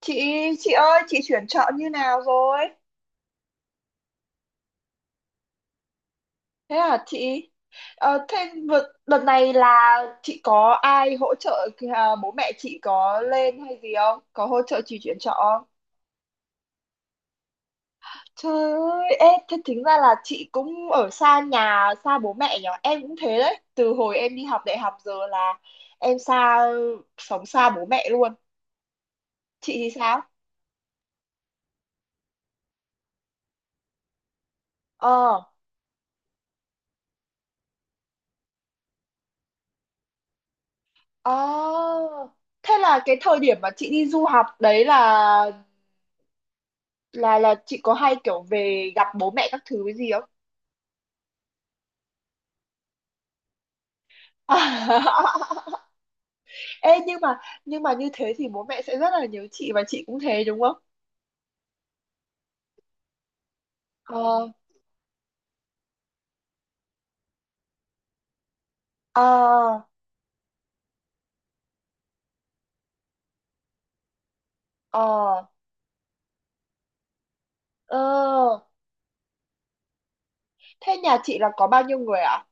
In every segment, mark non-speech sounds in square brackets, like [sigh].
chị chị ơi, chị chuyển chọn như nào rồi? Thế à chị? Thế vượt đợt này là chị có ai hỗ trợ à, bố mẹ chị có lên hay gì không, có hỗ trợ chị chuyển chọn không? Trời ơi, ê, thế tính ra là chị cũng ở xa nhà, xa bố mẹ nhở. Em cũng thế đấy, từ hồi em đi học đại học giờ là em xa sống xa bố mẹ luôn. Chị thì sao? ờ ờ Thế là cái thời điểm mà chị đi du học đấy là, là chị có hay kiểu về gặp bố mẹ các thứ cái gì không? [laughs] Ê, nhưng mà như thế thì bố mẹ sẽ rất là nhớ chị và chị cũng thế đúng không? ờ ờ ờ ờ Thế nhà chị là có bao nhiêu người ạ?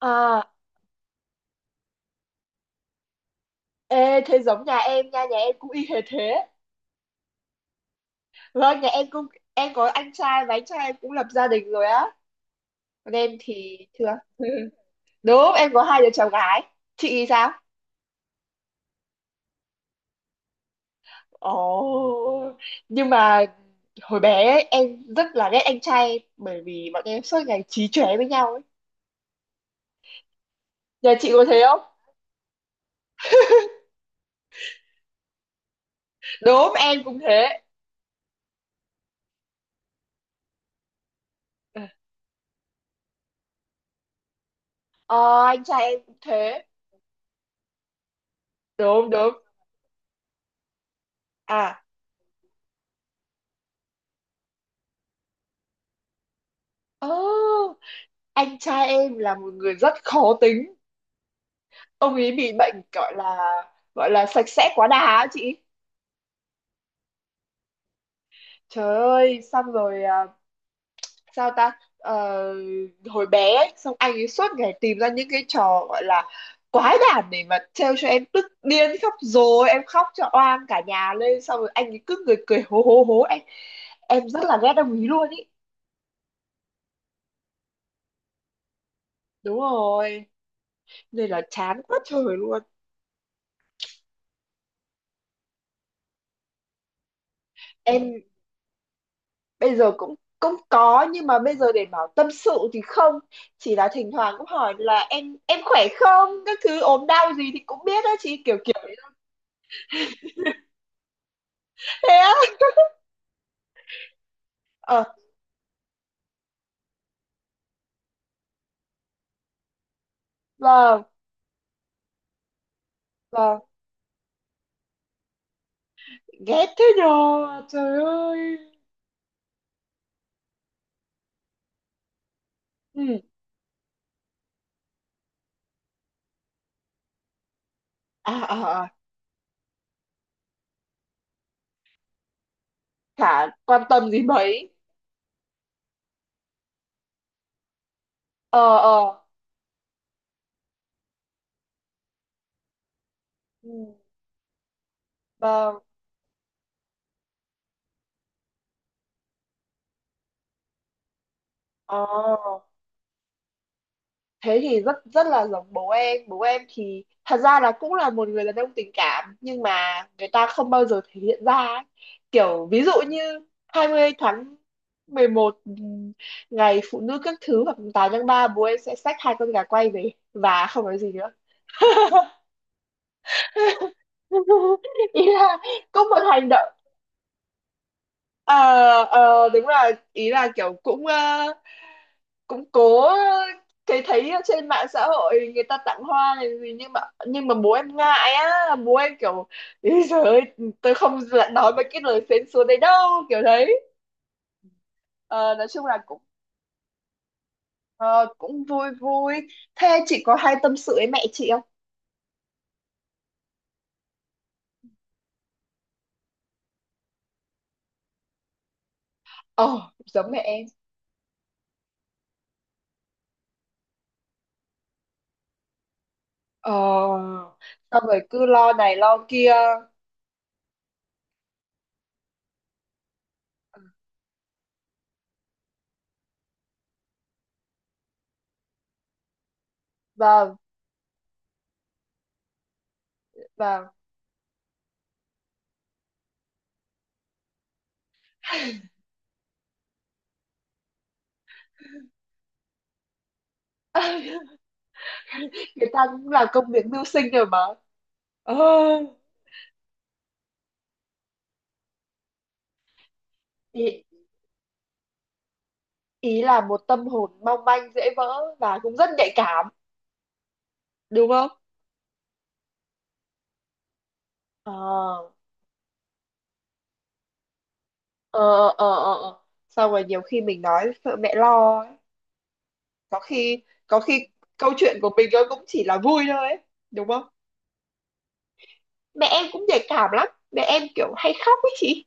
À? Ê, thế giống nhà em nha, nhà em cũng y hệt thế. Vâng, nhà em cũng em có anh trai và anh trai em cũng lập gia đình rồi á, còn em thì chưa. [laughs] Đúng, em có hai đứa cháu gái. Chị thì sao? Ồ, nhưng mà hồi bé ấy, em rất là ghét anh trai bởi vì bọn em suốt ngày chí chóe với nhau ấy. Nhà chị có thế không? Đúng, em cũng thế. Ờ, anh trai em cũng thế. Đúng, đúng. À, ơ, anh trai em là một người rất khó tính. Ông ấy bị bệnh gọi là sạch sẽ quá đà á chị. Trời ơi, xong rồi à, sao ta. Ờ, hồi bé ấy, xong anh ấy suốt ngày tìm ra những cái trò gọi là quái đản để mà trêu cho em tức điên khóc, rồi em khóc cho oan cả nhà lên, xong rồi anh ấy cứ người cười hố hố hố, em rất là ghét, đồng ý luôn ý. Đúng rồi, nên là chán quá trời luôn. Em bây giờ cũng cũng có, nhưng mà bây giờ để bảo tâm sự thì không, chỉ là thỉnh thoảng cũng hỏi là em khỏe không, các thứ ốm đau gì thì cũng biết đó chị, kiểu kiểu. Thế á? ờ vâng, vâng. Ghét thế nhờ. Trời ơi. Ừ. À, à, à, chả quan tâm gì mấy. ờ ờ ừ. Vâng. ờ Thế thì rất rất là giống bố em. Bố em thì thật ra là cũng là một người đàn ông tình cảm nhưng mà người ta không bao giờ thể hiện ra ấy. Kiểu ví dụ như 20 tháng 11, ngày phụ nữ các thứ, hoặc 8 tháng 3 bố em sẽ xách hai con gà quay về và không nói gì nữa. [laughs] Ý là cũng một hành động. ờ Đúng là ý là kiểu cũng, cũng cố thấy thấy ở trên mạng xã hội người ta tặng hoa này gì, nhưng mà bố em ngại á, bố em kiểu "Ý giời ơi, tôi không nói mấy cái lời phến xúa đấy đâu" kiểu đấy. Ờ, nói chung là cũng, ờ, cũng vui vui. Thế chị có hay tâm sự với mẹ chị không? ờ Giống mẹ em. ờ Xong rồi cứ lo này lo kia. Ờ, vâng, vâng. [laughs] Người ta cũng làm công việc mưu sinh rồi mà. Ờ, ý, ý là một tâm hồn mong manh dễ vỡ và cũng rất nhạy cảm đúng không? ờ ờ ờ ờ ờ. Xong rồi nhiều khi mình nói sợ mẹ lo ấy. Có khi câu chuyện của mình nó cũng chỉ là vui thôi ấy, đúng không? Mẹ em cũng nhạy cảm lắm, mẹ em kiểu hay khóc ấy chị.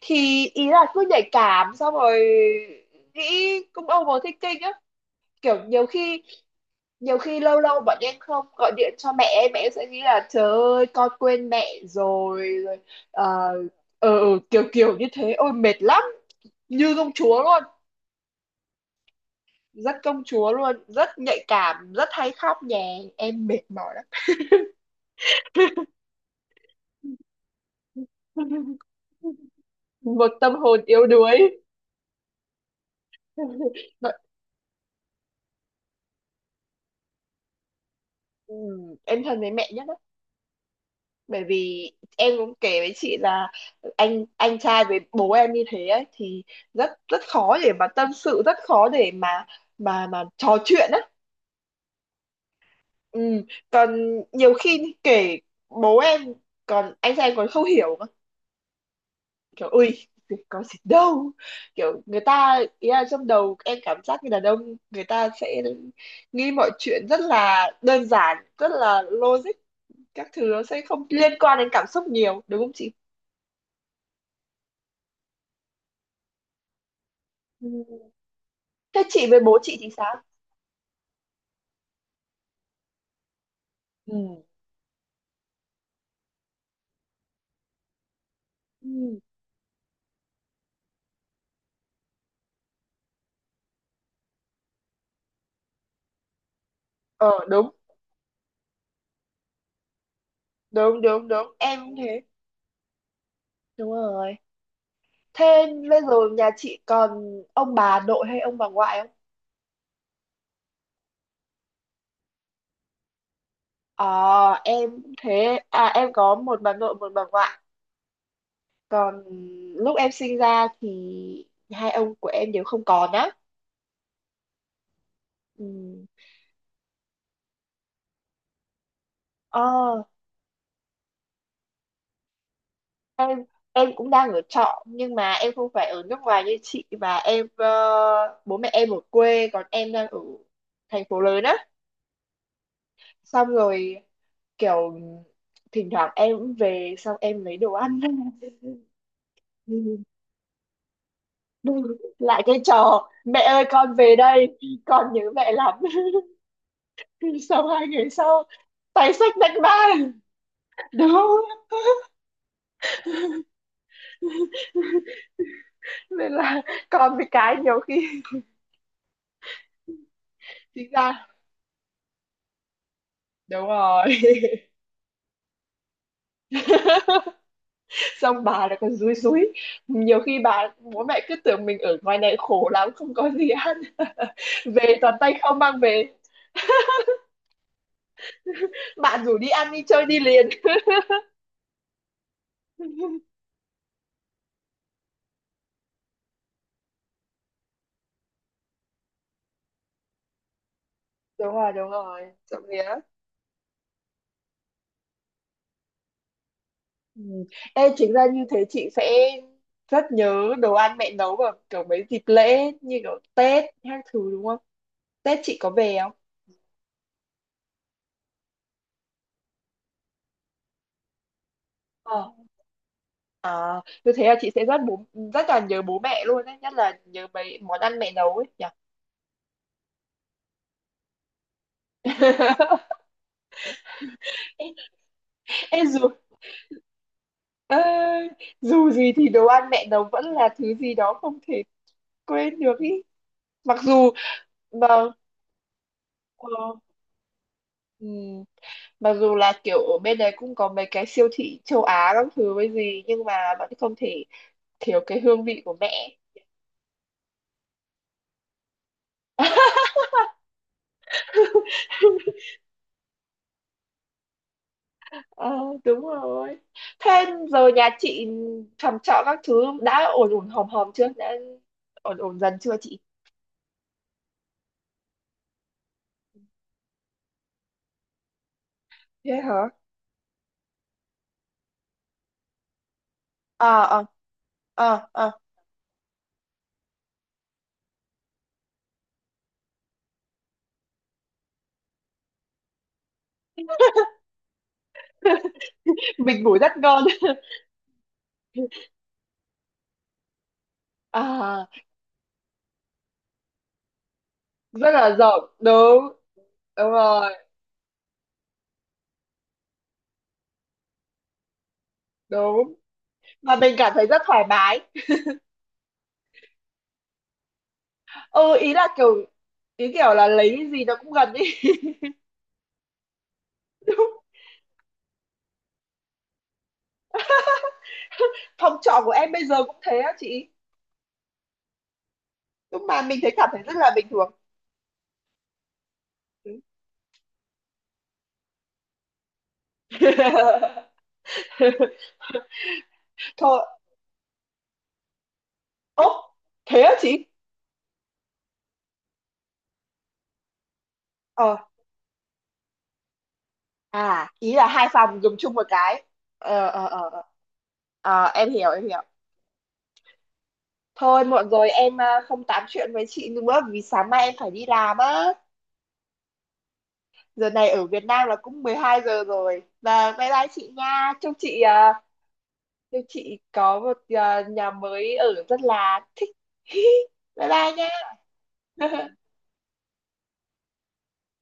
Thì ý là cứ nhạy cảm, xong rồi nghĩ, cũng overthinking á, kiểu nhiều khi lâu lâu bọn em không gọi điện cho mẹ em, mẹ em sẽ nghĩ là trời ơi con quên mẹ rồi rồi. ờ kiểu kiểu như thế, ôi mệt lắm. Như công chúa luôn, rất công chúa luôn, rất nhạy cảm, rất hay khóc nhè, em mệt mỏi lắm. [laughs] Một tâm hồn yếu đuối. [laughs] Vậy, ừ, em thân với mẹ nhất bởi vì em cũng kể với chị là anh trai với bố em như thế ấy thì rất rất khó để mà tâm sự, rất khó để mà trò chuyện á. Ừ. Còn nhiều khi kể bố em, còn anh trai em còn không hiểu cơ. Kiểu "ui có gì đâu" kiểu, người ta ý là trong đầu em cảm giác như đàn ông người ta sẽ nghĩ mọi chuyện rất là đơn giản, rất là logic, các thứ nó sẽ không liên quan đến cảm xúc nhiều, đúng không chị? Thế chị với bố chị thì sao? Ừ. Ừ. ờ Đúng, đúng, đúng, đúng, em cũng thế. Đúng rồi. Thế bây giờ nhà chị còn ông bà nội hay ông bà ngoại không? Ờ em cũng thế à, em có một bà nội, một bà ngoại. Còn lúc em sinh ra thì hai ông của em đều không còn á. Ừ. ờ em em cũng đang ở trọ nhưng mà em không phải ở nước ngoài như chị, và em, bố mẹ em ở quê còn em đang ở thành phố lớn á. Xong rồi kiểu thỉnh thoảng em cũng về, xong em lấy đồ ăn. [laughs] Lại cái trò "mẹ ơi con về đây, con nhớ mẹ lắm". [laughs] Sau 2 ngày sau tay xách bánh ba. Đúng. [laughs] Nên là con với cái nhiều khi. [laughs] Chính ra đúng rồi. [laughs] Xong bà lại còn dúi dúi, nhiều khi bà, bố mẹ cứ tưởng mình ở ngoài này khổ lắm không có gì ăn. [laughs] Về toàn tay không mang về, bạn rủ đi ăn đi chơi đi liền. [laughs] Đúng rồi, đúng rồi, trộm vía. Ừ. Ê, chính ra như thế chị sẽ rất nhớ đồ ăn mẹ nấu vào kiểu mấy dịp lễ như kiểu Tết hay thứ, đúng không? Tết chị có về không? ờ À, như thế là chị sẽ rất là nhớ bố mẹ luôn ấy, nhất là nhớ mấy món ăn mẹ nấu ấy nhỉ. [laughs] ê, ê, dù ê, dù gì thì đồ ăn mẹ nấu vẫn là thứ gì đó không thể quên được ý, mặc dù mà ờ, ừ. Mặc dù là kiểu ở bên đấy cũng có mấy cái siêu thị châu Á các thứ với gì, nhưng mà vẫn không thể thiếu cái hương vị của mẹ. ờ Đúng rồi. Thế giờ nhà chị, phòng trọ các thứ đã ổn ổn hòm hòm chưa, đã ổn ổn dần chưa chị? Thế hả? ờ ờ ờ ờ mình ngủ rất ngon. [laughs] À, rất là rộng, đúng, đúng rồi, đúng, mà mình cảm thấy rất thoải mái. Ừ, ý là kiểu, ý kiểu là lấy cái gì nó cũng gần ý. [laughs] Phòng trọ của em bây giờ cũng thế á chị, nhưng mà mình thấy cảm thấy rất là bình thường. [laughs] Thôi. Ố, thế á chị? ờ À, ý là hai phòng dùng chung một cái. ờ ờ ờ ờ. Ờ, em hiểu, em hiểu. Thôi muộn rồi em à, không tám chuyện với chị nữa vì sáng mai em phải đi làm á. Giờ này ở Việt Nam là cũng 12 giờ rồi, và bye bye chị nha, chúc chị, à, chúc chị có một, à, nhà mới ở rất là thích. [laughs] Bye bye nha. [laughs]